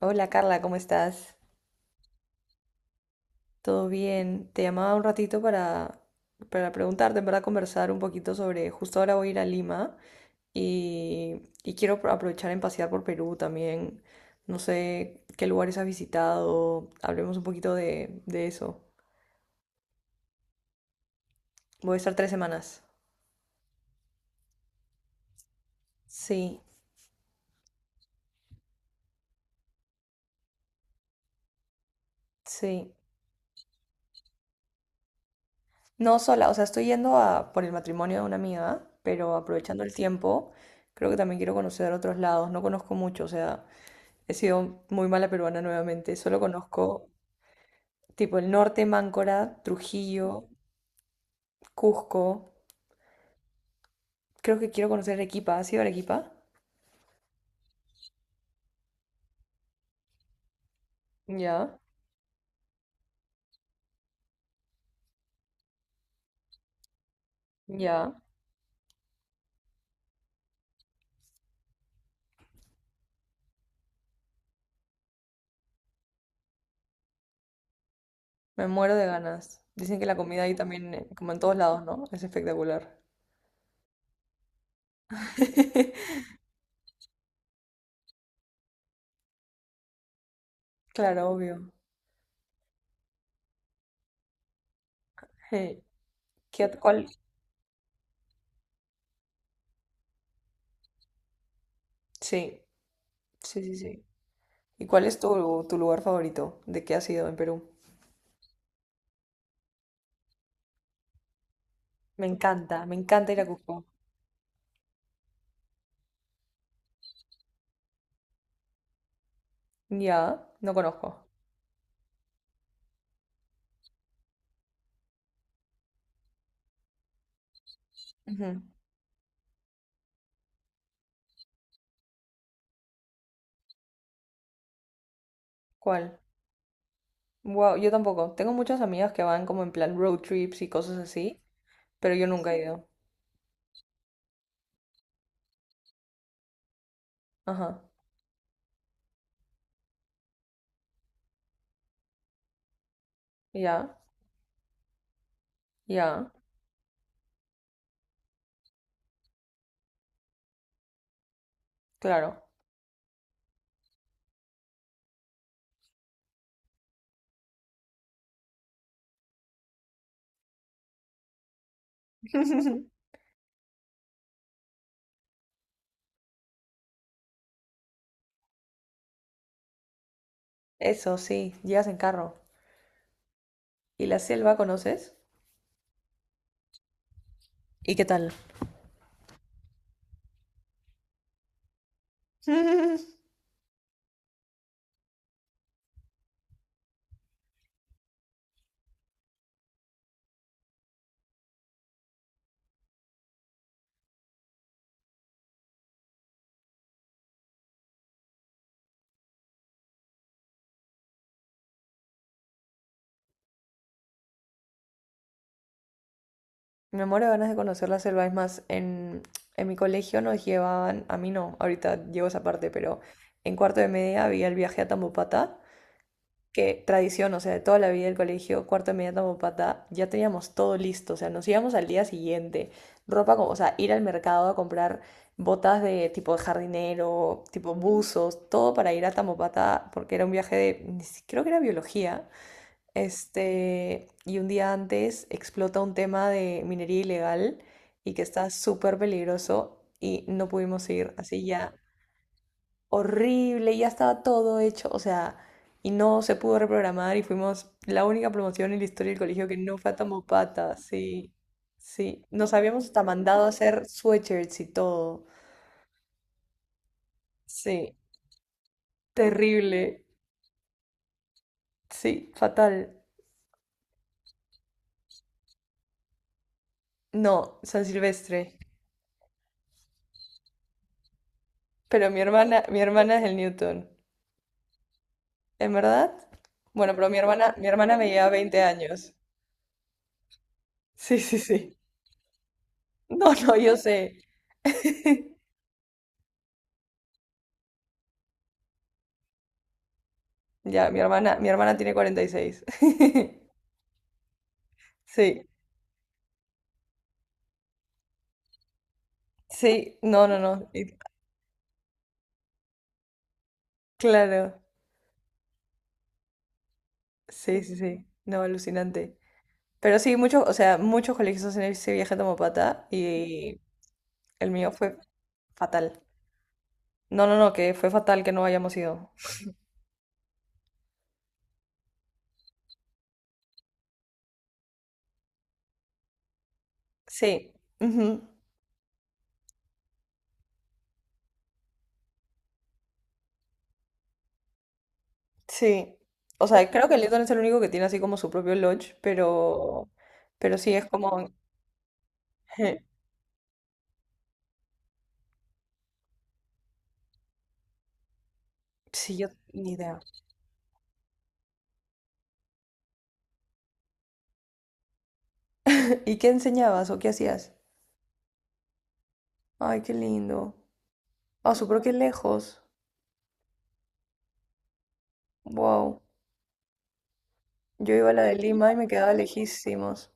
Hola Carla, ¿cómo estás? ¿Todo bien? Te llamaba un ratito para preguntarte, en verdad, conversar un poquito sobre, justo ahora voy a ir a Lima y quiero aprovechar en pasear por Perú también. No sé qué lugares has visitado, hablemos un poquito de eso. Voy a estar tres semanas. Sí, sí. No sola, o sea, estoy yendo a, por el matrimonio de una amiga, pero aprovechando el tiempo, creo que también quiero conocer otros lados. No conozco mucho, o sea, he sido muy mala peruana nuevamente. Solo conozco tipo el norte, Máncora, Trujillo, Cusco. Creo que quiero conocer Arequipa. ¿Has ido a Arequipa? Ya, ya. Me muero de ganas. Dicen que la comida ahí también, como en todos lados, ¿no? Es espectacular. Claro, obvio. Hey, cuál? Sí, sí, sí, sí. ¿Y cuál es tu lugar favorito? ¿De qué has ido en Perú? Me encanta ir a Cusco. Ya, no conozco. Ujú. ¿Cuál? Wow, yo tampoco. Tengo muchas amigas que van como en plan road trips y cosas así, pero yo nunca he ido. Ajá. Ya, ya, claro. Eso sí, llegas en carro. ¿Y la selva conoces? ¿Y qué tal? Me muero de ganas de conocer la selva. Es más, en mi colegio nos llevaban, a mí no, ahorita llevo esa parte, pero en cuarto de media había el viaje a Tambopata que tradición, o sea, de toda la vida del colegio, cuarto de media tamopata, ya teníamos todo listo, o sea, nos íbamos al día siguiente, ropa como, o sea, ir al mercado a comprar botas de tipo jardinero, tipo buzos, todo para ir a Tamopata, porque era un viaje de, creo que era biología, este, y un día antes explota un tema de minería ilegal y que está súper peligroso y no pudimos ir, así ya horrible, y ya estaba todo hecho, o sea, y no se pudo reprogramar y fuimos la única promoción en la historia del colegio que no fue a Tamopata, sí, sí, nos habíamos hasta mandado a hacer sweatshirts y todo, sí, terrible, sí, fatal. No, San Silvestre, pero mi hermana es el Newton. ¿En verdad? Bueno, pero mi hermana me lleva 20 años, sí, sí, sí. No, no, yo sé. Ya, mi hermana tiene 46. Sí, sí, no, no, no, y- claro, sí, sí, sí, no, alucinante. Pero sí, muchos, o sea, muchos colegios hacen ese viaje a Tomopata y el mío fue fatal. No, no, no, que fue fatal que no hayamos ido. Sí, ujú, sí. O sea, creo que Lytton es el único que tiene así como su propio lodge, pero sí es como, sí, yo ni idea. ¿Y qué enseñabas o qué hacías? Ay, qué lindo. Ah, su pero qué lejos. Wow. Yo iba a la de Lima y me quedaba lejísimos.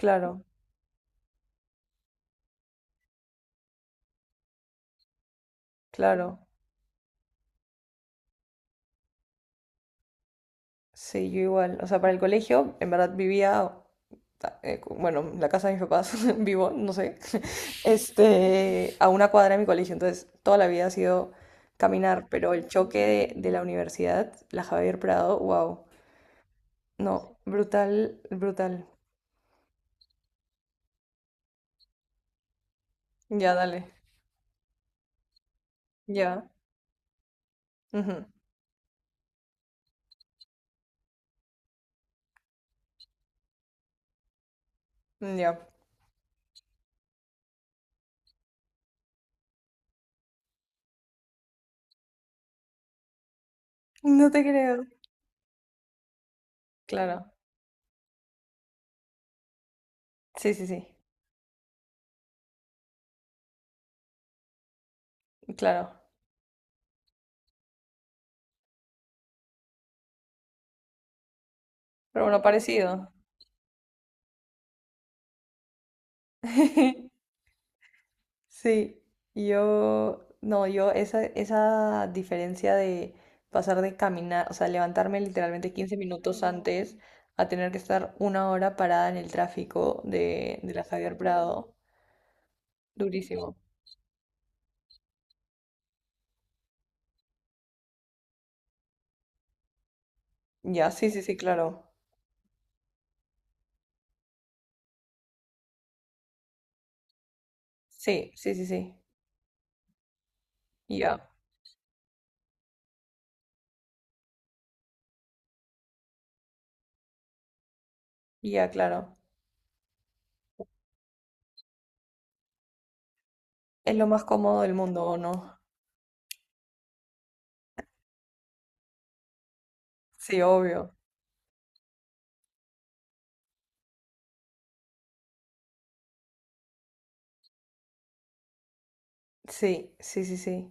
Claro, claro. Sí, yo igual. O sea, para el colegio, en verdad vivía, bueno, en la casa de mis papás, vivo, no sé, este, a una cuadra de mi colegio. Entonces, toda la vida ha sido caminar, pero el choque de la universidad, la Javier Prado, wow. No, brutal, brutal. Ya, dale. Ya, ujú, ya. No te creo. Claro. Sí, sí, sí. Claro. Pero bueno, parecido. Sí, yo, no, yo esa, esa diferencia de pasar de caminar, o sea, levantarme literalmente 15 minutos antes a tener que estar una hora parada en el tráfico de la Javier Prado, durísimo. Ya, sí, sí, sí, claro. Sí, sí, sí, sí. Ya, ya, claro. Es lo más cómodo del mundo, ¿o no? Sí, obvio. Sí, sí, sí, sí.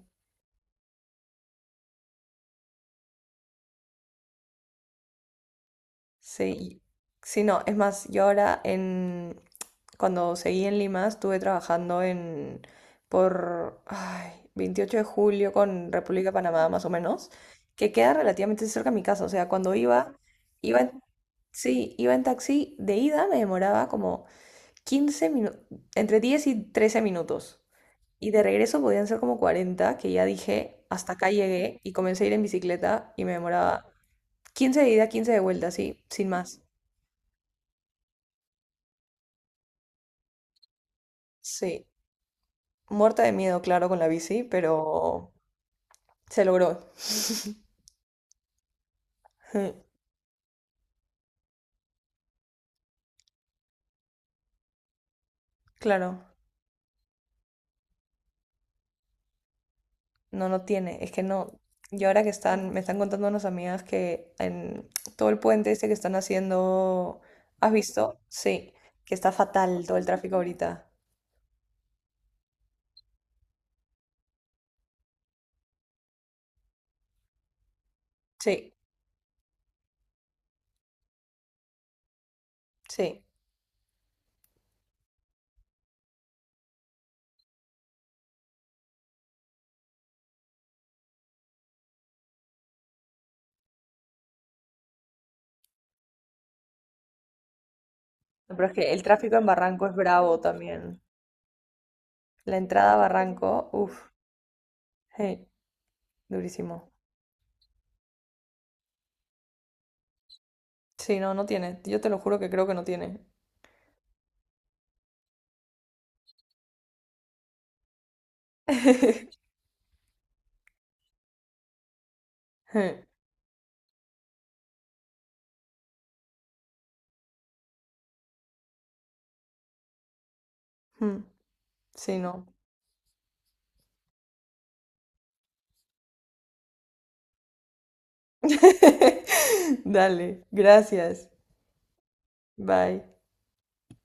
Sí, sí, no, es más, yo ahora en cuando seguí en Lima estuve trabajando en por ay, 28 de julio con República de Panamá más o menos, que queda relativamente cerca de mi casa, o sea, cuando iba en, sí, iba en taxi de ida me demoraba como 15 minutos, entre 10 y 13 minutos. Y de regreso podían ser como 40 que ya dije, hasta acá llegué y comencé a ir en bicicleta y me demoraba 15 de ida, 15 de vuelta, así, sin más. Sí, muerta de miedo, claro, con la bici, pero se logró. Ujú, claro, no, no tiene. Es que no. Y ahora que están, me están contando unas amigas que en todo el puente este que están haciendo, ¿has visto? Sí, que está fatal todo el tráfico ahorita. Sí, sí. No, pero es que el tráfico en Barranco es bravo también. La entrada a Barranco, uff, hey, durísimo. Sí, no, no tiene. Yo te lo juro que creo que no tiene. Hmm, sí, no. Dale, gracias. Bye.